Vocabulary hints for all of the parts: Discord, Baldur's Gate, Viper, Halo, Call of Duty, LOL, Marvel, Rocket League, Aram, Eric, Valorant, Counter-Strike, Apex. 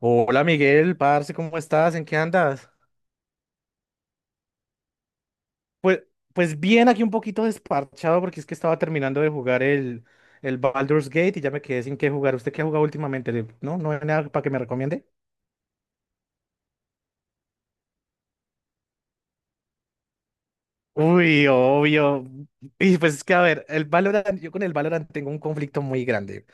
Hola Miguel, parce, ¿cómo estás? ¿En qué andas? Pues, pues bien, aquí un poquito desparchado porque es que estaba terminando de jugar el Baldur's Gate y ya me quedé sin qué jugar. ¿Usted qué ha jugado últimamente? ¿No? ¿No hay nada para que me recomiende? Uy, obvio. Y pues es que, a ver, el Valorant, yo con el Valorant tengo un conflicto muy grande.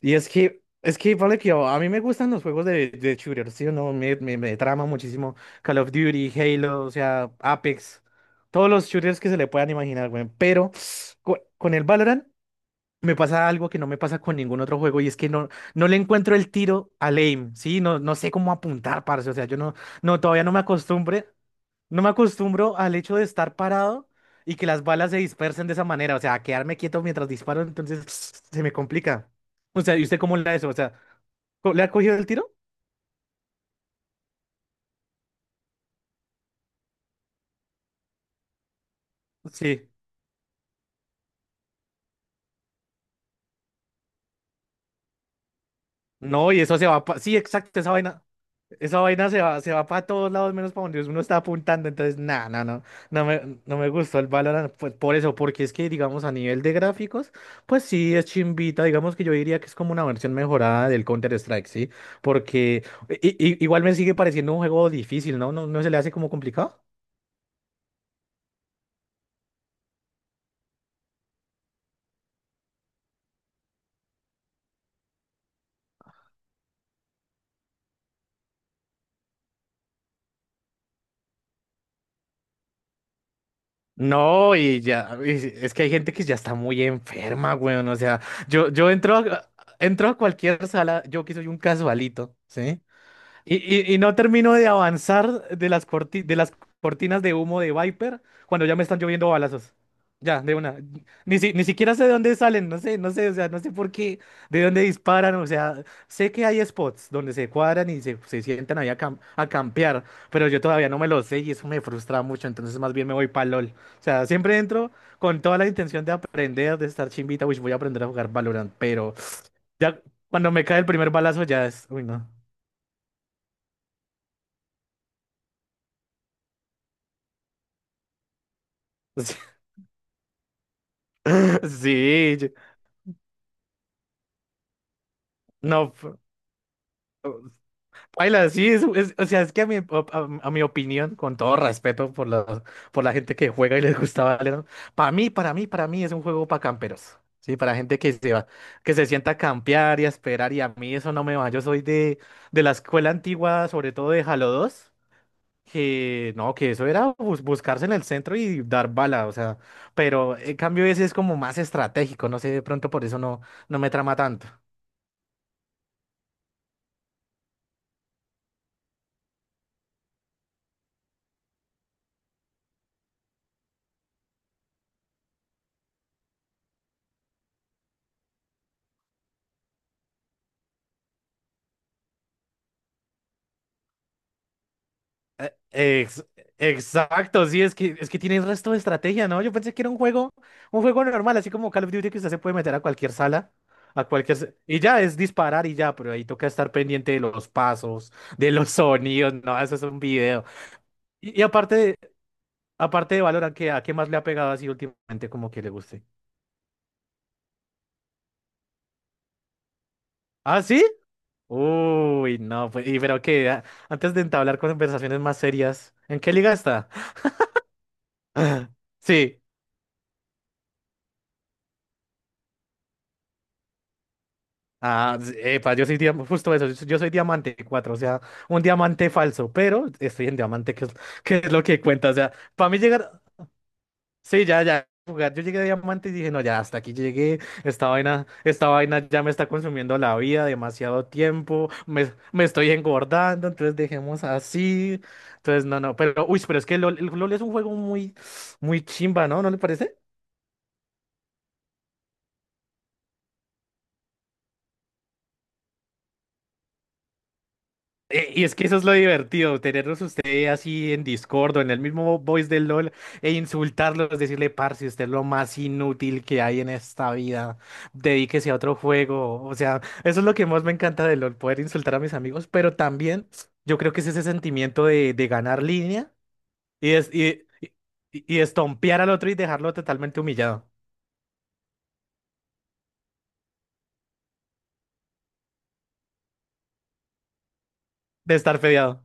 Y es que, vale que a mí me gustan los juegos de shooter, ¿sí o no? Me trama muchísimo Call of Duty, Halo, o sea, Apex, todos los shooters que se le puedan imaginar, güey. Pero con el Valorant me pasa algo que no me pasa con ningún otro juego y es que no le encuentro el tiro al aim, ¿sí? No sé cómo apuntar, parce, o sea, yo no, no, todavía no me acostumbro al hecho de estar parado y que las balas se dispersen de esa manera, o sea, a quedarme quieto mientras disparo, entonces se me complica. O sea, ¿y usted cómo le da eso? O sea, ¿le ha cogido el tiro? Sí. No, y eso se va sí, exacto, esa vaina. Esa vaina se va para todos lados menos para donde uno está apuntando, entonces nada, no me gustó el Valorant, pues por eso, porque es que digamos a nivel de gráficos, pues sí es chimbita, digamos que yo diría que es como una versión mejorada del Counter-Strike, ¿sí? Porque igual me sigue pareciendo un juego difícil, ¿no? No se le hace como complicado? No, y ya, es que hay gente que ya está muy enferma, weón, o sea, yo entro, entro a cualquier sala, yo que soy un casualito, ¿sí? Y, y no termino de avanzar de las cortinas de humo de Viper cuando ya me están lloviendo balazos. Ya, de una. Ni siquiera sé de dónde salen, o sea, no sé por qué, de dónde disparan, o sea, sé que hay spots donde se cuadran se sientan ahí a, a campear, pero yo todavía no me lo sé y eso me frustra mucho, entonces más bien me voy para LOL. O sea, siempre entro con toda la intención de aprender, de estar chimbita, uy, voy a aprender a jugar Valorant, pero ya cuando me cae el primer balazo ya es, uy, no. Sí, no, paila, sí, o sea, es que a a mi opinión, con todo respeto por la gente que juega y les gusta Valorant, para mí es un juego para camperos, sí, para gente que se va, que se sienta a campear y a esperar, y a mí eso no me va, yo soy de la escuela antigua, sobre todo de Halo 2, que no, que eso era buscarse en el centro y dar bala, o sea, pero en cambio ese es como más estratégico, no sé, de pronto por eso no me trama tanto. Eh, ex- exacto, sí, es que tiene el resto de estrategia, ¿no? Yo pensé que era un juego normal, así como Call of Duty que usted se puede meter a cualquier sala, a cualquier... y ya es disparar y ya, pero ahí toca estar pendiente de los pasos, de los sonidos, no, eso es un video. Y, aparte de Valorant, ¿qué, a qué más le ha pegado así últimamente como que le guste? ¿Ah, sí? Uy, no, pues, y pero que antes de entablar conversaciones más serias, ¿en qué liga está? Sí. Ah, epa, yo soy justo eso, yo soy diamante 4, o sea, un diamante falso, pero estoy en diamante, que es lo que cuenta, o sea, para mí llegar, sí, ya, jugar, yo llegué a diamante y dije, no, ya, hasta aquí llegué, esta vaina ya me está consumiendo la vida, demasiado tiempo, me estoy engordando, entonces dejemos así, entonces, no, no, pero, uy, pero es que LOL, el LOL es un juego muy, muy chimba, ¿no? ¿No le parece? Y es que eso es lo divertido, tenerlos ustedes así en Discord o en el mismo voice del LOL e insultarlos, decirle, parce, usted es lo más inútil que hay en esta vida, dedíquese a otro juego. O sea, eso es lo que más me encanta de LOL, poder insultar a mis amigos, pero también yo creo que es ese sentimiento de ganar línea y, es, y, y estompear al otro y dejarlo totalmente humillado, de estar fedeado.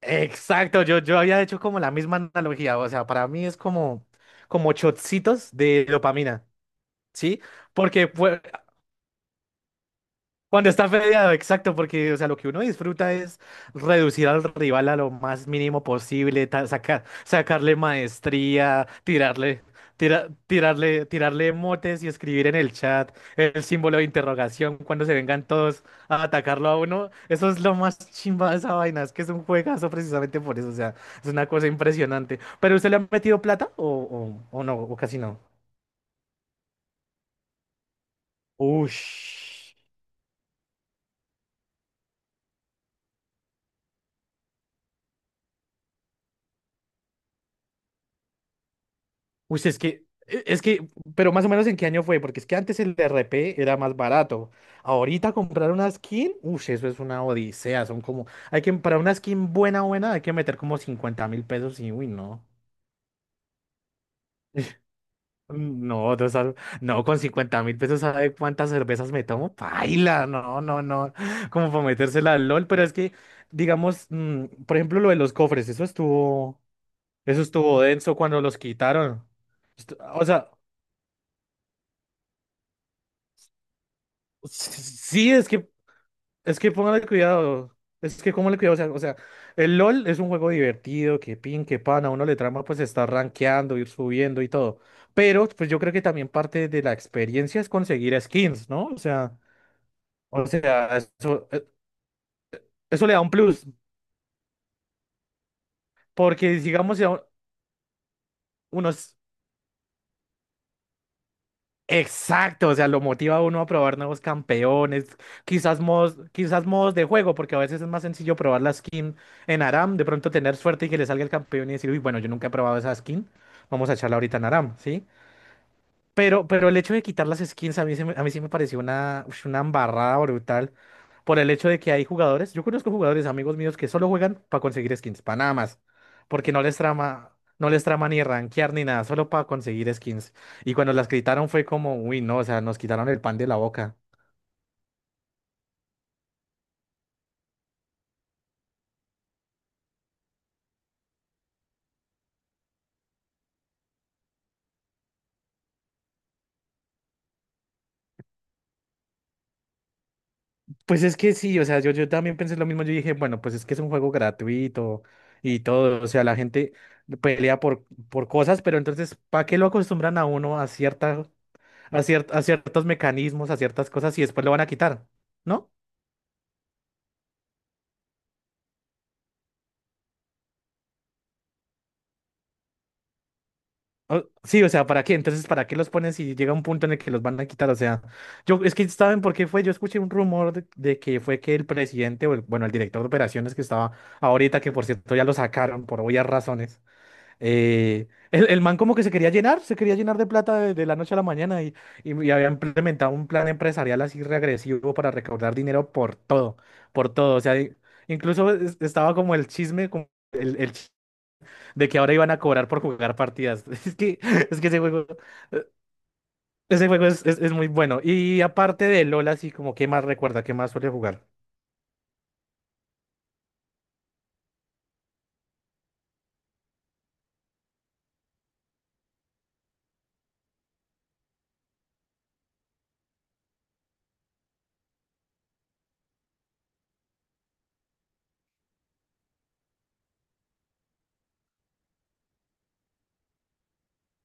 Exacto, yo había hecho como la misma analogía, o sea, para mí es como, como shotcitos de dopamina, ¿sí? Porque fue- cuando está fedeado, exacto, porque o sea, lo que uno disfruta es reducir al rival a lo más mínimo posible, sacarle maestría, tirarle motes y escribir en el chat el símbolo de interrogación cuando se vengan todos a atacarlo a uno. Eso es lo más chimba de esa vaina, es que es un juegazo precisamente por eso, o sea, es una cosa impresionante. ¿Pero usted le ha metido plata o no, o casi no? Ush. Uy, es que, pero más o menos en qué año fue, porque es que antes el DRP era más barato. Ahorita comprar una skin, uy, eso es una odisea, son como, hay que, para una skin buena, buena, hay que meter como 50.000 pesos y, uy, no. Mm, no, con 50.000 pesos, ¿sabe cuántas cervezas me tomo? Paila, no, como para metérsela al LOL, pero es que, digamos, mm, por ejemplo, lo de los cofres, eso estuvo denso cuando los quitaron. O sea, sí, es que es que póngale cuidado. Es que, ¿cómo le cuidado? O sea, el LOL es un juego divertido, que pin, que pan, a uno le trama pues estar rankeando, ir subiendo y todo. Pero, pues yo creo que también parte de la experiencia es conseguir skins, ¿no? Eso, eso le da un plus. Porque, digamos, si a un- unos. Exacto, o sea, lo motiva a uno a probar nuevos campeones, quizás modos de juego, porque a veces es más sencillo probar la skin en Aram, de pronto tener suerte y que le salga el campeón y decir, uy, bueno, yo nunca he probado esa skin, vamos a echarla ahorita en Aram, ¿sí? Pero el hecho de quitar las skins a mí, a mí sí me pareció una, ush, una embarrada brutal por el hecho de que hay jugadores, yo conozco jugadores, amigos míos, que solo juegan para conseguir skins, para nada más, porque no les trama, no les trama ni rankear ni nada, solo para conseguir skins. Y cuando las quitaron fue como, uy, no, o sea, nos quitaron el pan de la boca. Pues es que sí, o sea, yo también pensé lo mismo, yo dije, bueno, pues es que es un juego gratuito y todo, o sea, la gente pelea por cosas, pero entonces, ¿para qué lo acostumbran a uno a cierta, a ciertos mecanismos, a ciertas cosas y después lo van a quitar? ¿No? Sí, o sea, ¿para qué? Entonces, ¿para qué los pones si llega un punto en el que los van a quitar? O sea, yo, es que ¿saben por qué fue? Yo escuché un rumor de que fue que el presidente, bueno, el director de operaciones que estaba ahorita, que por cierto ya lo sacaron por obvias razones. El man como que se quería llenar de plata de la noche a la mañana y, y había implementado un plan empresarial así regresivo para recaudar dinero por todo, por todo. O sea, incluso estaba como el chisme, como el, de que ahora iban a cobrar por jugar partidas. Es que eh, ese juego es muy bueno. Y aparte de LOL, así como, ¿qué más recuerda? ¿Qué más suele jugar?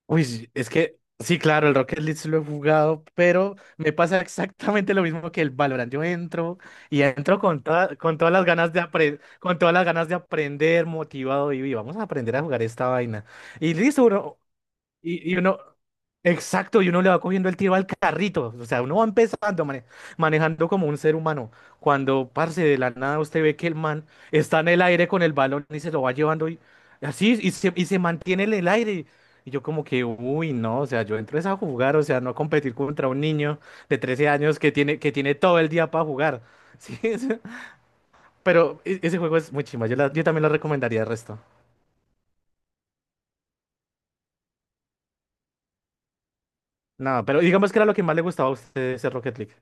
Uy, sí, es que sí, claro, el Rocket League sí lo he jugado, pero me pasa exactamente lo mismo que el Valorant. Yo entro y entro con todas las ganas de con todas las ganas de aprender, motivado y "Uy, vamos a aprender a jugar esta vaina". Y listo, bro, y, y uno, exacto, y uno le va cogiendo el tiro al carrito. O sea, uno va empezando manejando como un ser humano. Cuando, parce, de la nada usted ve que el man está en el aire con el balón y se lo va llevando y así, y se mantiene en el aire. Y yo como que, uy, no, o sea, yo entro es a jugar, o sea, no a competir contra un niño de 13 años que tiene todo el día para jugar. Sí, es- pero ese juego es muy chimba, yo, yo también lo recomendaría el resto. No, pero digamos que era lo que más le gustaba a usted de ese Rocket League.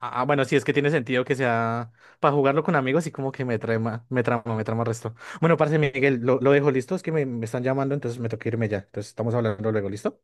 Ah, ah, bueno, sí, es que tiene sentido que sea para jugarlo con amigos y como que me trama resto. Bueno, parce Miguel, lo dejo listo, es que me están llamando, entonces me toca irme ya. Entonces estamos hablando luego, ¿listo?